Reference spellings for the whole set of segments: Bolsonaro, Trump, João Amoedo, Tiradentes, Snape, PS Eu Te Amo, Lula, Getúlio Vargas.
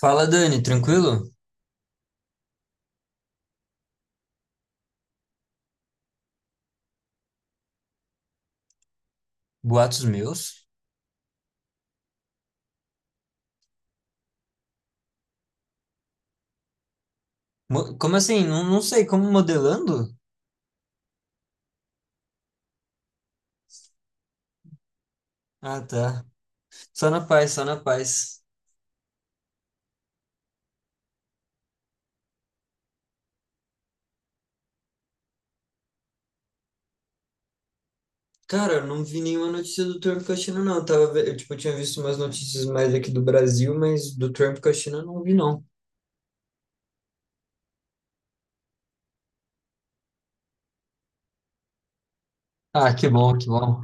Fala, Dani, tranquilo? Boatos meus? Como assim? Não, não sei, como modelando? Ah, tá. Só na paz, só na paz. Cara, eu não vi nenhuma notícia do Trump com a China, não. Eu, tipo, tinha visto umas notícias mais aqui do Brasil, mas do Trump com a China eu não vi, não. Ah, que bom, que bom.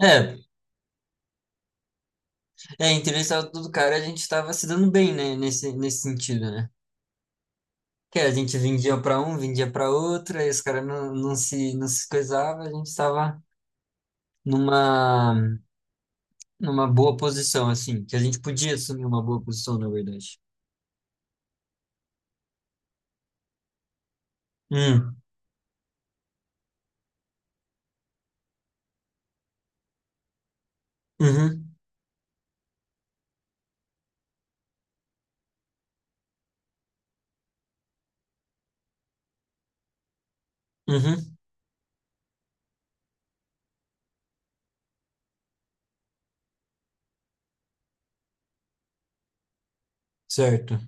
É, é, interessado do cara, a gente tava se dando bem, né, nesse sentido, né? Que a gente vendia pra um, vendia pra outro, aí os caras não se coisavam, a gente tava numa numa boa posição, assim, que a gente podia assumir uma boa posição, na verdade. Hum. Uhum. Uhum. Certo.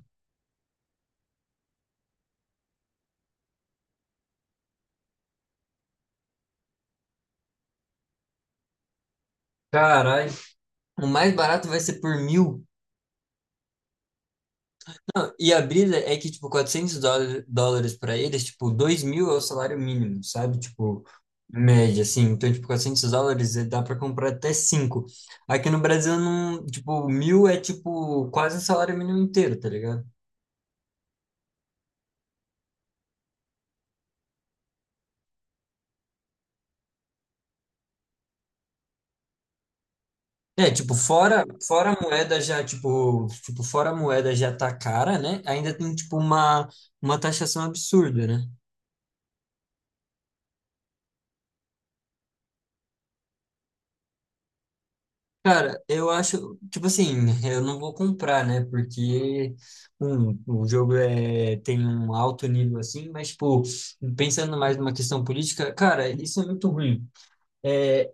Caralho, o mais barato vai ser por mil. Não, e a brisa é que, tipo, 400 dólares para eles, tipo, 2.000 é o salário mínimo, sabe? Tipo, média, assim. Então, tipo, 400 dólares dá para comprar até cinco. Aqui no Brasil, não, tipo, mil é, tipo, quase o salário mínimo inteiro, tá ligado? É, tipo, fora a moeda já, tipo, fora a moeda já tá cara, né? Ainda tem, tipo, uma taxação absurda, né? Cara, eu acho, tipo assim, eu não vou comprar, né? Porque o jogo é, tem um alto nível assim, mas, tipo, pensando mais numa questão política, cara, isso é muito ruim. É.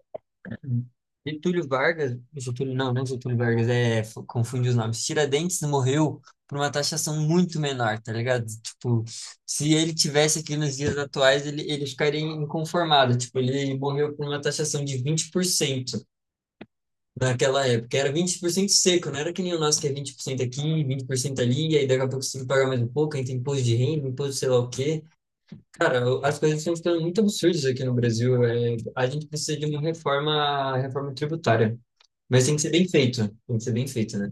Hum. Getúlio Vargas, Getúlio, não, não é Getúlio Vargas, confundi os nomes. Tiradentes morreu por uma taxação muito menor, tá ligado? Tipo, se ele tivesse aqui nos dias atuais, ele ficaria inconformado. Tipo, ele morreu por uma taxação de 20% naquela época. Era 20% seco, não era que nem o nosso que é 20% aqui, 20% ali, e aí daqui a pouco você tem que pagar mais um pouco, aí tem imposto de renda, imposto sei lá o quê. Cara, as coisas estão ficando muito absurdas aqui no Brasil. A gente precisa de uma reforma tributária. Mas tem que ser bem feito, tem que ser bem feito, né?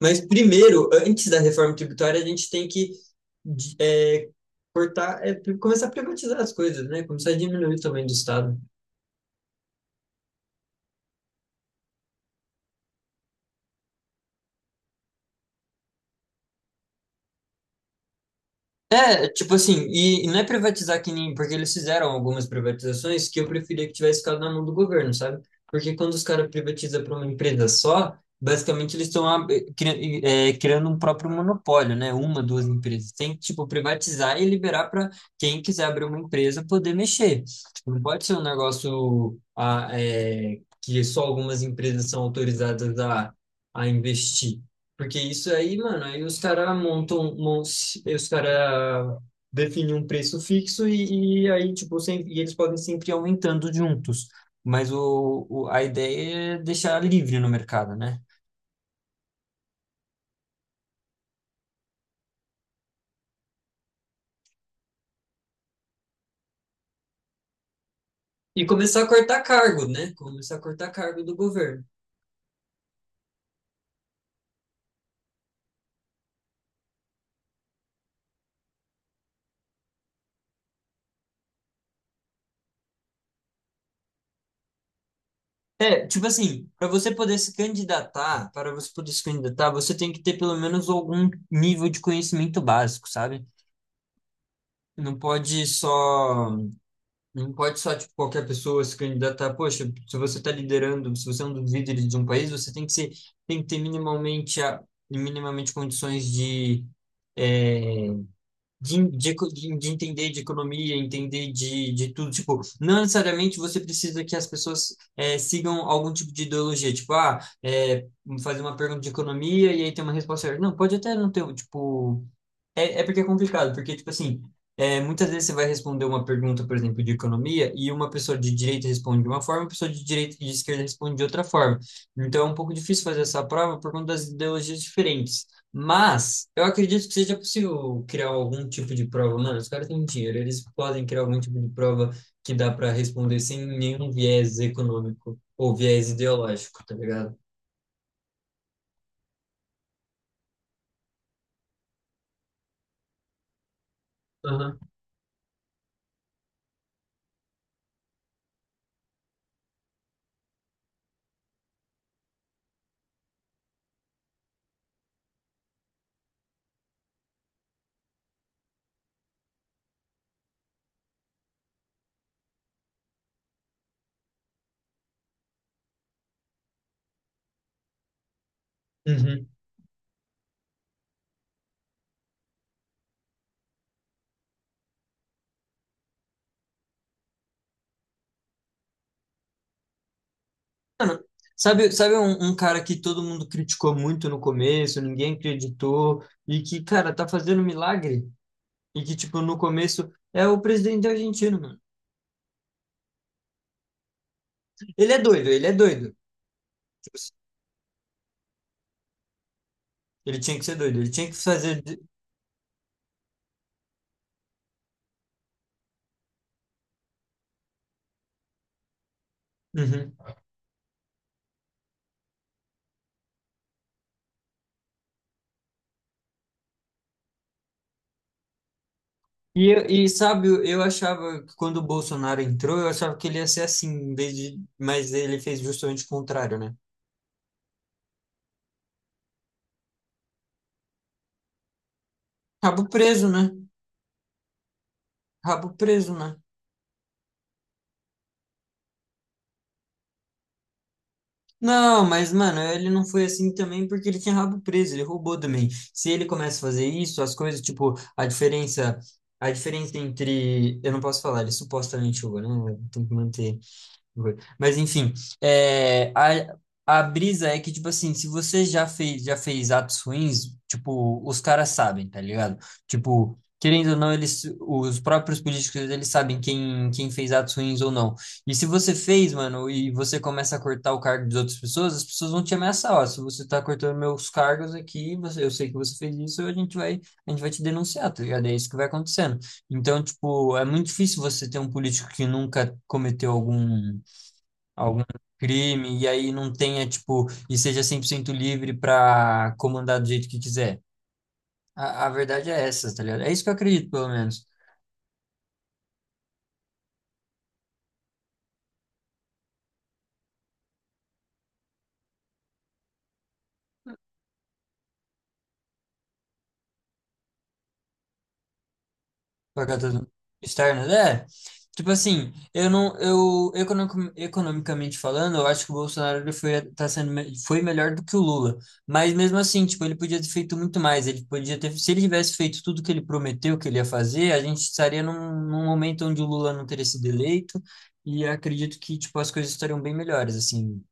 Mas primeiro, antes da reforma tributária, a gente tem que de- é, cortar, começar a privatizar as coisas, né? Começar a diminuir o tamanho do Estado. É, tipo assim, e não é privatizar que nem, porque eles fizeram algumas privatizações que eu preferia que tivesse ficado na mão do governo, sabe? Porque quando os caras privatizam para uma empresa só, basicamente eles estão criando um próprio monopólio, né? Uma, duas empresas. Tem que, tipo, privatizar e liberar para quem quiser abrir uma empresa poder mexer. Tipo, não pode ser um negócio que só algumas empresas são autorizadas a investir. Porque isso aí, mano, aí os caras montam, aí os caras definem um preço fixo e aí, tipo, sem, e eles podem sempre ir aumentando juntos. Mas a ideia é deixar livre no mercado, né? E começar a cortar cargo, né? Começar a cortar cargo do governo. É, tipo assim, para você poder se candidatar, para você poder se candidatar, você tem que ter pelo menos algum nível de conhecimento básico, sabe? Não pode só não pode só, tipo, qualquer pessoa se candidatar. Poxa, se você está liderando, se você é um dos líderes de um país, você tem que ser, tem que ter minimamente, minimamente condições é, de entender de economia, entender de tudo. Tipo, não necessariamente você precisa que as pessoas sigam algum tipo de ideologia. Tipo, fazer uma pergunta de economia e aí ter uma resposta certa. Não, pode até não ter, tipo, é porque é complicado, porque, tipo assim, muitas vezes você vai responder uma pergunta, por exemplo, de economia, e uma pessoa de direita responde de uma forma, uma pessoa de direita e de esquerda responde de outra forma. Então é um pouco difícil fazer essa prova por conta das ideologias diferentes. Mas eu acredito que seja possível criar algum tipo de prova. Mano, os caras têm dinheiro, eles podem criar algum tipo de prova que dá para responder sem nenhum viés econômico ou viés ideológico, tá ligado? Aham. Uhum. Sabe, um cara que todo mundo criticou muito no começo, ninguém acreditou, e que, cara, tá fazendo um milagre? E que, tipo, no começo é o presidente argentino, mano. Ele é doido, ele é doido. Tipo, assim, ele tinha que ser doido, ele tinha que fazer. Uhum. E sabe, eu achava que quando o Bolsonaro entrou, eu achava que ele ia ser assim, em vez de... mas ele fez justamente o contrário, né? Rabo preso, né? Rabo preso, né? Não, mas, mano, ele não foi assim também porque ele tinha rabo preso, ele roubou também. Se ele começa a fazer isso, as coisas, tipo, a diferença entre, eu não posso falar, ele supostamente roubou, né? Tem que manter. Foi. Mas enfim, é, a, a brisa é que, tipo assim, se você já fez atos ruins, tipo, os caras sabem, tá ligado? Tipo, querendo ou não, eles, os próprios políticos, eles sabem quem fez atos ruins ou não. E se você fez, mano, e você começa a cortar o cargo das outras pessoas, as pessoas vão te ameaçar, ó, se você tá cortando meus cargos aqui, você, eu sei que você fez isso, a gente vai te denunciar, tá ligado? É isso que vai acontecendo. Então, tipo, é muito difícil você ter um político que nunca cometeu algum crime e aí não tenha, tipo, e seja 100% livre para comandar do jeito que quiser. A verdade é essa, tá ligado? É isso que eu acredito, pelo menos. Pagado externo, é. Tipo assim, eu não, eu economic- economicamente falando, eu acho que o Bolsonaro ele foi tá sendo me- foi melhor do que o Lula, mas mesmo assim, tipo, ele podia ter feito muito mais, ele podia ter, se ele tivesse feito tudo que ele prometeu que ele ia fazer, a gente estaria num momento onde o Lula não teria sido eleito e acredito que tipo as coisas estariam bem melhores, assim.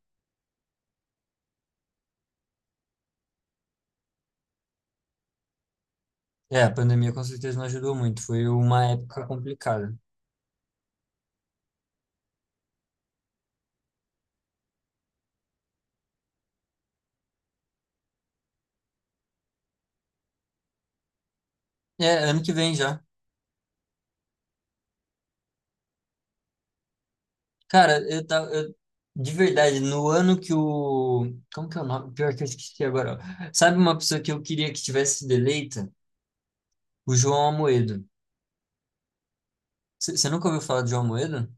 É, a pandemia com certeza não ajudou muito, foi uma época complicada. É, ano que vem já. Cara, de verdade, no ano que o. Como que é o nome? Pior que eu esqueci agora. Ó. Sabe uma pessoa que eu queria que tivesse sido eleita? O João Amoedo. Você nunca ouviu falar de João Amoedo?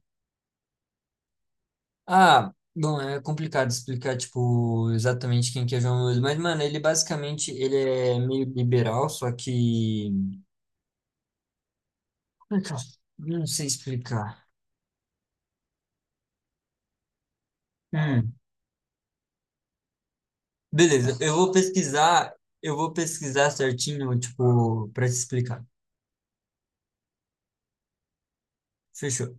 Ah, bom, é complicado explicar, tipo, exatamente quem que é João Amoedo. Mas, mano, ele basicamente ele é meio liberal, só que. Como é que eu- Não sei explicar. Hum. Beleza, eu vou pesquisar. Eu vou pesquisar certinho, tipo, pra te explicar. Fechou.